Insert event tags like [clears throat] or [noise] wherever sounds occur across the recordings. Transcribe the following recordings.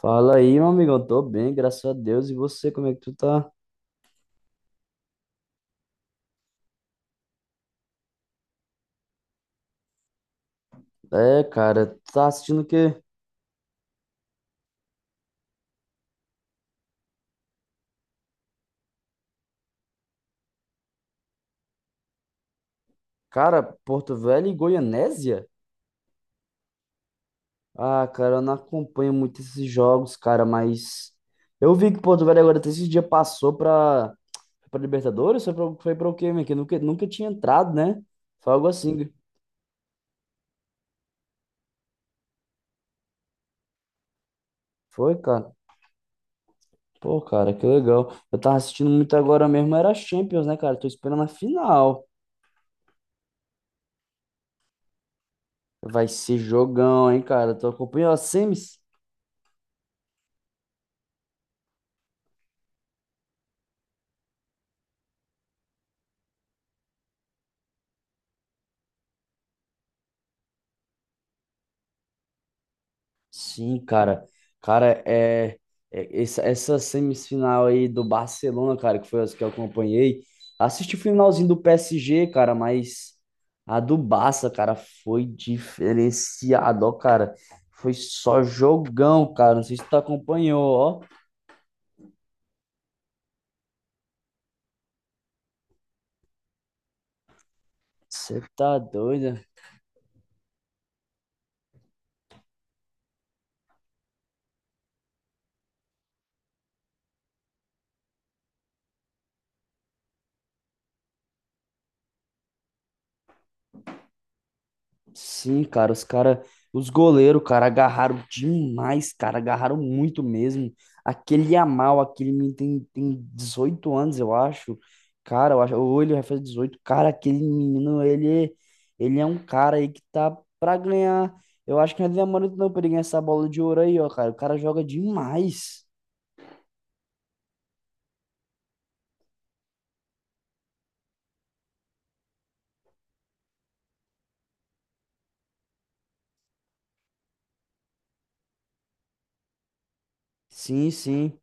Fala aí, meu amigão. Tô bem, graças a Deus. E você, como é que tu tá? É, cara, tu tá assistindo o quê? Cara, Porto Velho e Goianésia? Ah, cara, eu não acompanho muito esses jogos, cara, mas eu vi que Porto Velho agora até esse dia passou pra, pra Libertadores. Foi pra o quê, meu? Que nunca tinha entrado, né? Foi algo assim. Foi, cara. Pô, cara, que legal. Eu tava assistindo muito agora mesmo, era Champions, né, cara? Tô esperando a final. Vai ser jogão, hein, cara? Tô acompanhando as semis. Sim, cara. Cara, é, essa, essa semifinal aí do Barcelona, cara, que foi as que eu acompanhei. Assisti o finalzinho do PSG, cara, mas a do Barça, cara, foi diferenciado, ó, cara. Foi só jogão, cara. Não sei se tu acompanhou, ó. Você tá doido? Sim, cara, os goleiros, cara, agarraram demais, cara, agarraram muito mesmo. Aquele Yamal, aquele menino tem 18 anos, eu acho. Cara, eu acho, ou ele vai fazer dezoito. Cara, aquele menino, ele é um cara aí que tá pra ganhar. Eu acho que não é demorando não pra ele ganhar essa bola de ouro aí, ó, cara. O cara joga demais. Sim, sim.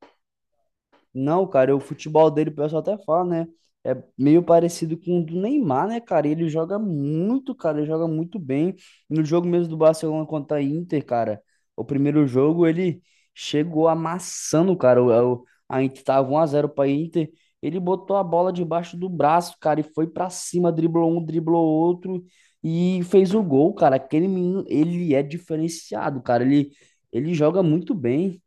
Não, cara, o futebol dele, o pessoal até fala, né? É meio parecido com o do Neymar, né, cara? Ele joga muito, cara, ele joga muito bem. No jogo mesmo do Barcelona contra a Inter, cara, o primeiro jogo ele chegou amassando, cara. A Inter tava 1x0 pra Inter. Ele botou a bola debaixo do braço, cara, e foi pra cima, driblou um, driblou outro e fez o gol, cara. Aquele menino, ele é diferenciado, cara. Ele joga muito bem.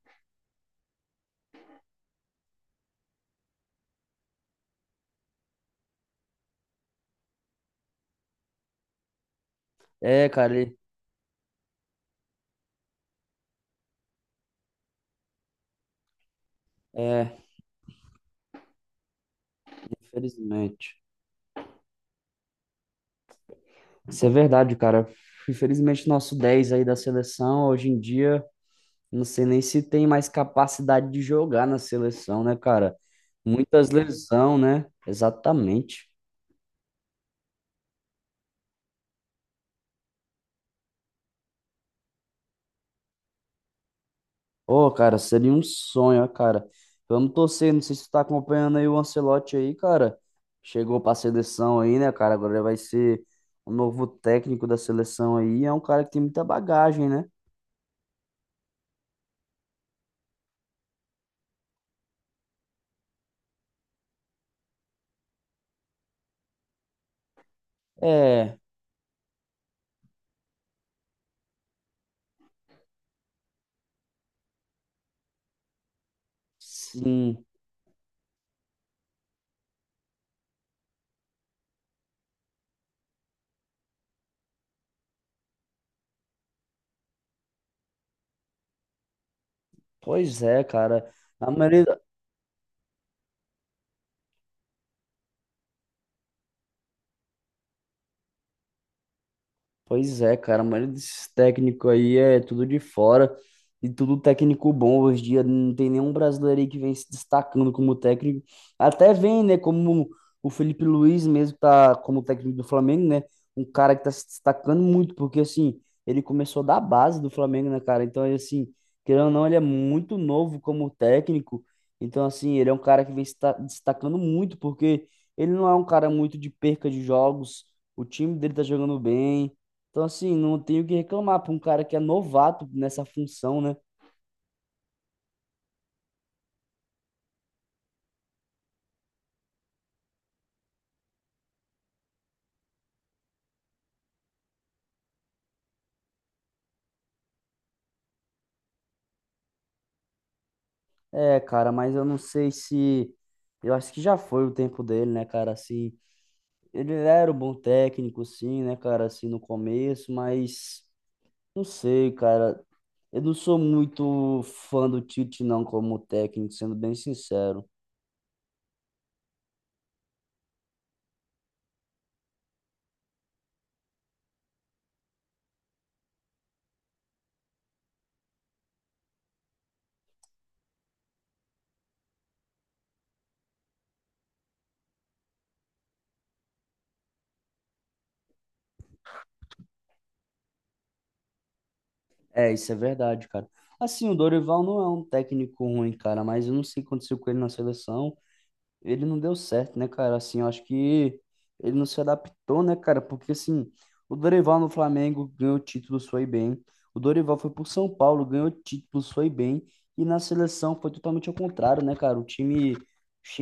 É, cara, ele. é, Infelizmente. Isso é verdade, cara. Infelizmente, nosso 10 aí da seleção, hoje em dia, não sei nem se tem mais capacidade de jogar na seleção, né, cara? Muitas lesão, né? Exatamente. Ô, cara, seria um sonho, ó, cara. Vamos torcer, não sei se tu tá acompanhando aí o Ancelotti aí, cara. Chegou pra seleção aí, né, cara? Agora ele vai ser o novo técnico da seleção aí. É um cara que tem muita bagagem, né? É, sim. Pois é, cara. A maioria. Pois é, cara, a maioria desses técnicos aí é tudo de fora e tudo técnico bom. Hoje em dia não tem nenhum brasileiro aí que vem se destacando como técnico. Até vem, né, como o Felipe Luiz mesmo tá como técnico do Flamengo, né? Um cara que tá se destacando muito, porque assim, ele começou da base do Flamengo, né, cara? Então, ele, assim, querendo ou não, ele é muito novo como técnico. Então, assim, ele é um cara que vem se ta- destacando muito, porque ele não é um cara muito de perca de jogos. O time dele tá jogando bem. Então, assim, não tenho o que reclamar para um cara que é novato nessa função, né? É, cara, mas eu não sei se. Eu acho que já foi o tempo dele, né, cara? Assim, ele era um bom técnico, sim, né, cara? Assim, no começo, mas. Não sei, cara. Eu não sou muito fã do Tite, não, como técnico, sendo bem sincero. É, isso é verdade, cara. Assim, o Dorival não é um técnico ruim, cara, mas eu não sei o que aconteceu com ele na seleção. Ele não deu certo, né, cara? Assim, eu acho que ele não se adaptou, né, cara? Porque, assim, o Dorival no Flamengo ganhou títulos, foi bem. O Dorival foi pro São Paulo, ganhou títulos, foi bem. E na seleção foi totalmente ao contrário, né, cara?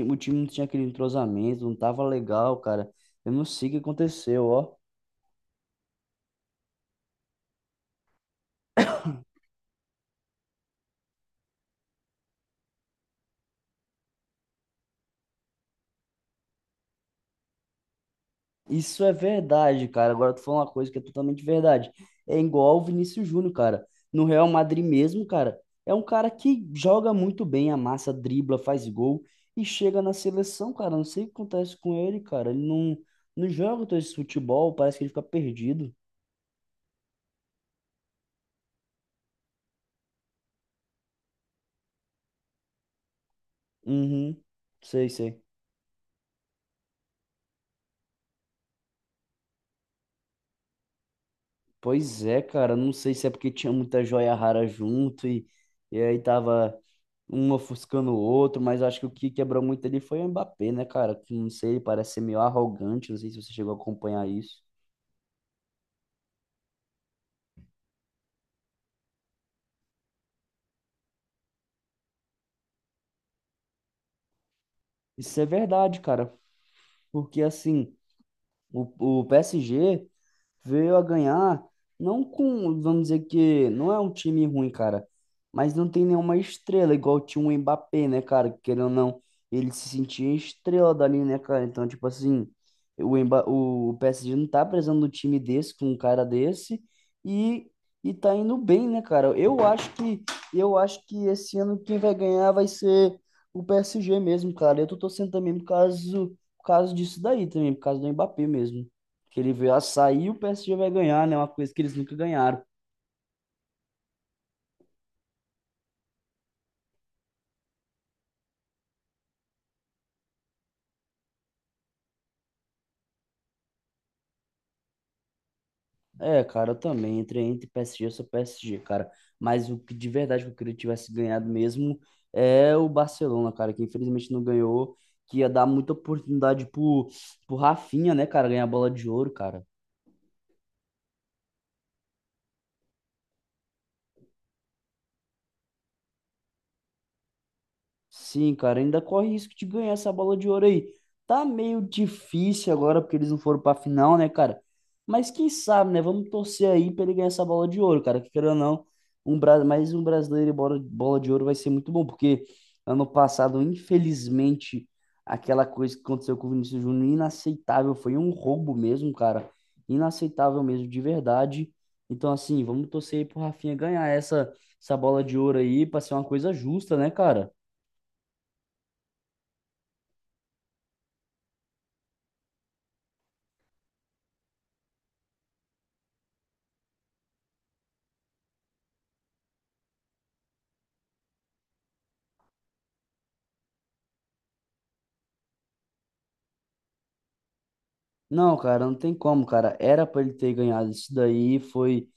O time não tinha aquele entrosamento, não tava legal, cara. Eu não sei o que aconteceu, ó. Isso é verdade, cara. Agora tu falou uma coisa que é totalmente verdade. É igual o Vinícius Júnior, cara. No Real Madrid mesmo, cara, é um cara que joga muito bem, amassa, dribla, faz gol e chega na seleção, cara. Não sei o que acontece com ele, cara. Ele não, não joga todo esse futebol, parece que ele fica perdido. Uhum. Sei, sei. Pois é, cara, não sei se é porque tinha muita joia rara junto e aí tava um ofuscando o outro, mas acho que o que quebrou muito ali foi o Mbappé, né, cara? Que não sei, parece ser meio arrogante, não sei se você chegou a acompanhar isso. Isso é verdade, cara, porque assim. O PSG veio a ganhar, não com, vamos dizer que não é um time ruim, cara, mas não tem nenhuma estrela, igual tinha o Mbappé, né, cara? Querendo ou não, ele se sentia estrela dali, né, cara? Então, tipo assim, o PSG não tá precisando de um time desse, com um cara desse, e, e tá indo bem, né, cara? Eu acho que esse ano quem vai ganhar vai ser o PSG mesmo, cara. Eu tô torcendo também por causa disso daí também, por causa do Mbappé mesmo. Que ele veio a sair e o PSG vai ganhar, né? Uma coisa que eles nunca ganharam. É, cara, eu também. Entre PSG, eu sou PSG, cara. Mas o que de verdade que eu queria que tivesse ganhado mesmo é o Barcelona, cara, que infelizmente não ganhou, que ia dar muita oportunidade pro, pro Rafinha, né, cara, ganhar a bola de ouro, cara. Sim, cara, ainda corre risco de ganhar essa bola de ouro aí. Tá meio difícil agora porque eles não foram pra final, né, cara? Mas quem sabe, né? Vamos torcer aí pra ele ganhar essa bola de ouro, cara. Que queira ou não, mais um brasileiro e bola de ouro vai ser muito bom, porque ano passado, infelizmente, aquela coisa que aconteceu com o Vinícius Júnior, inaceitável, foi um roubo mesmo, cara. Inaceitável mesmo, de verdade. Então, assim, vamos torcer aí pro Rafinha ganhar essa, essa bola de ouro aí pra ser uma coisa justa, né, cara? Não, cara, não tem como, cara. Era pra ele ter ganhado isso daí,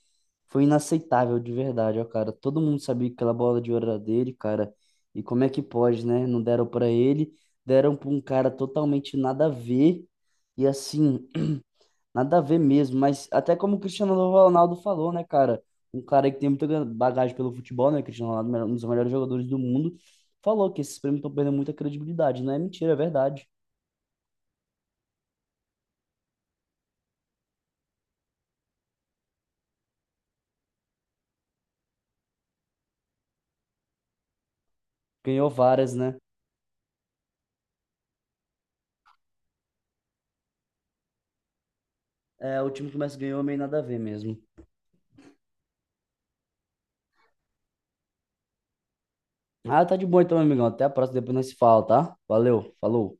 foi inaceitável de verdade, ó, cara. Todo mundo sabia que aquela bola de ouro era dele, cara. E como é que pode, né? Não deram pra ele, deram pra um cara totalmente nada a ver. E assim, [clears throat] nada a ver mesmo, mas até como o Cristiano Ronaldo falou, né, cara? Um cara que tem muita bagagem pelo futebol, né? Cristiano Ronaldo, um dos melhores jogadores do mundo, falou que esses prêmios estão perdendo muita credibilidade, não é mentira, é verdade. Ganhou várias, né? É, o time que o Messi ganhou meio nada a ver mesmo. Ah, tá de boa então, meu amigão. Até a próxima, depois nós se fala, tá? Valeu, falou.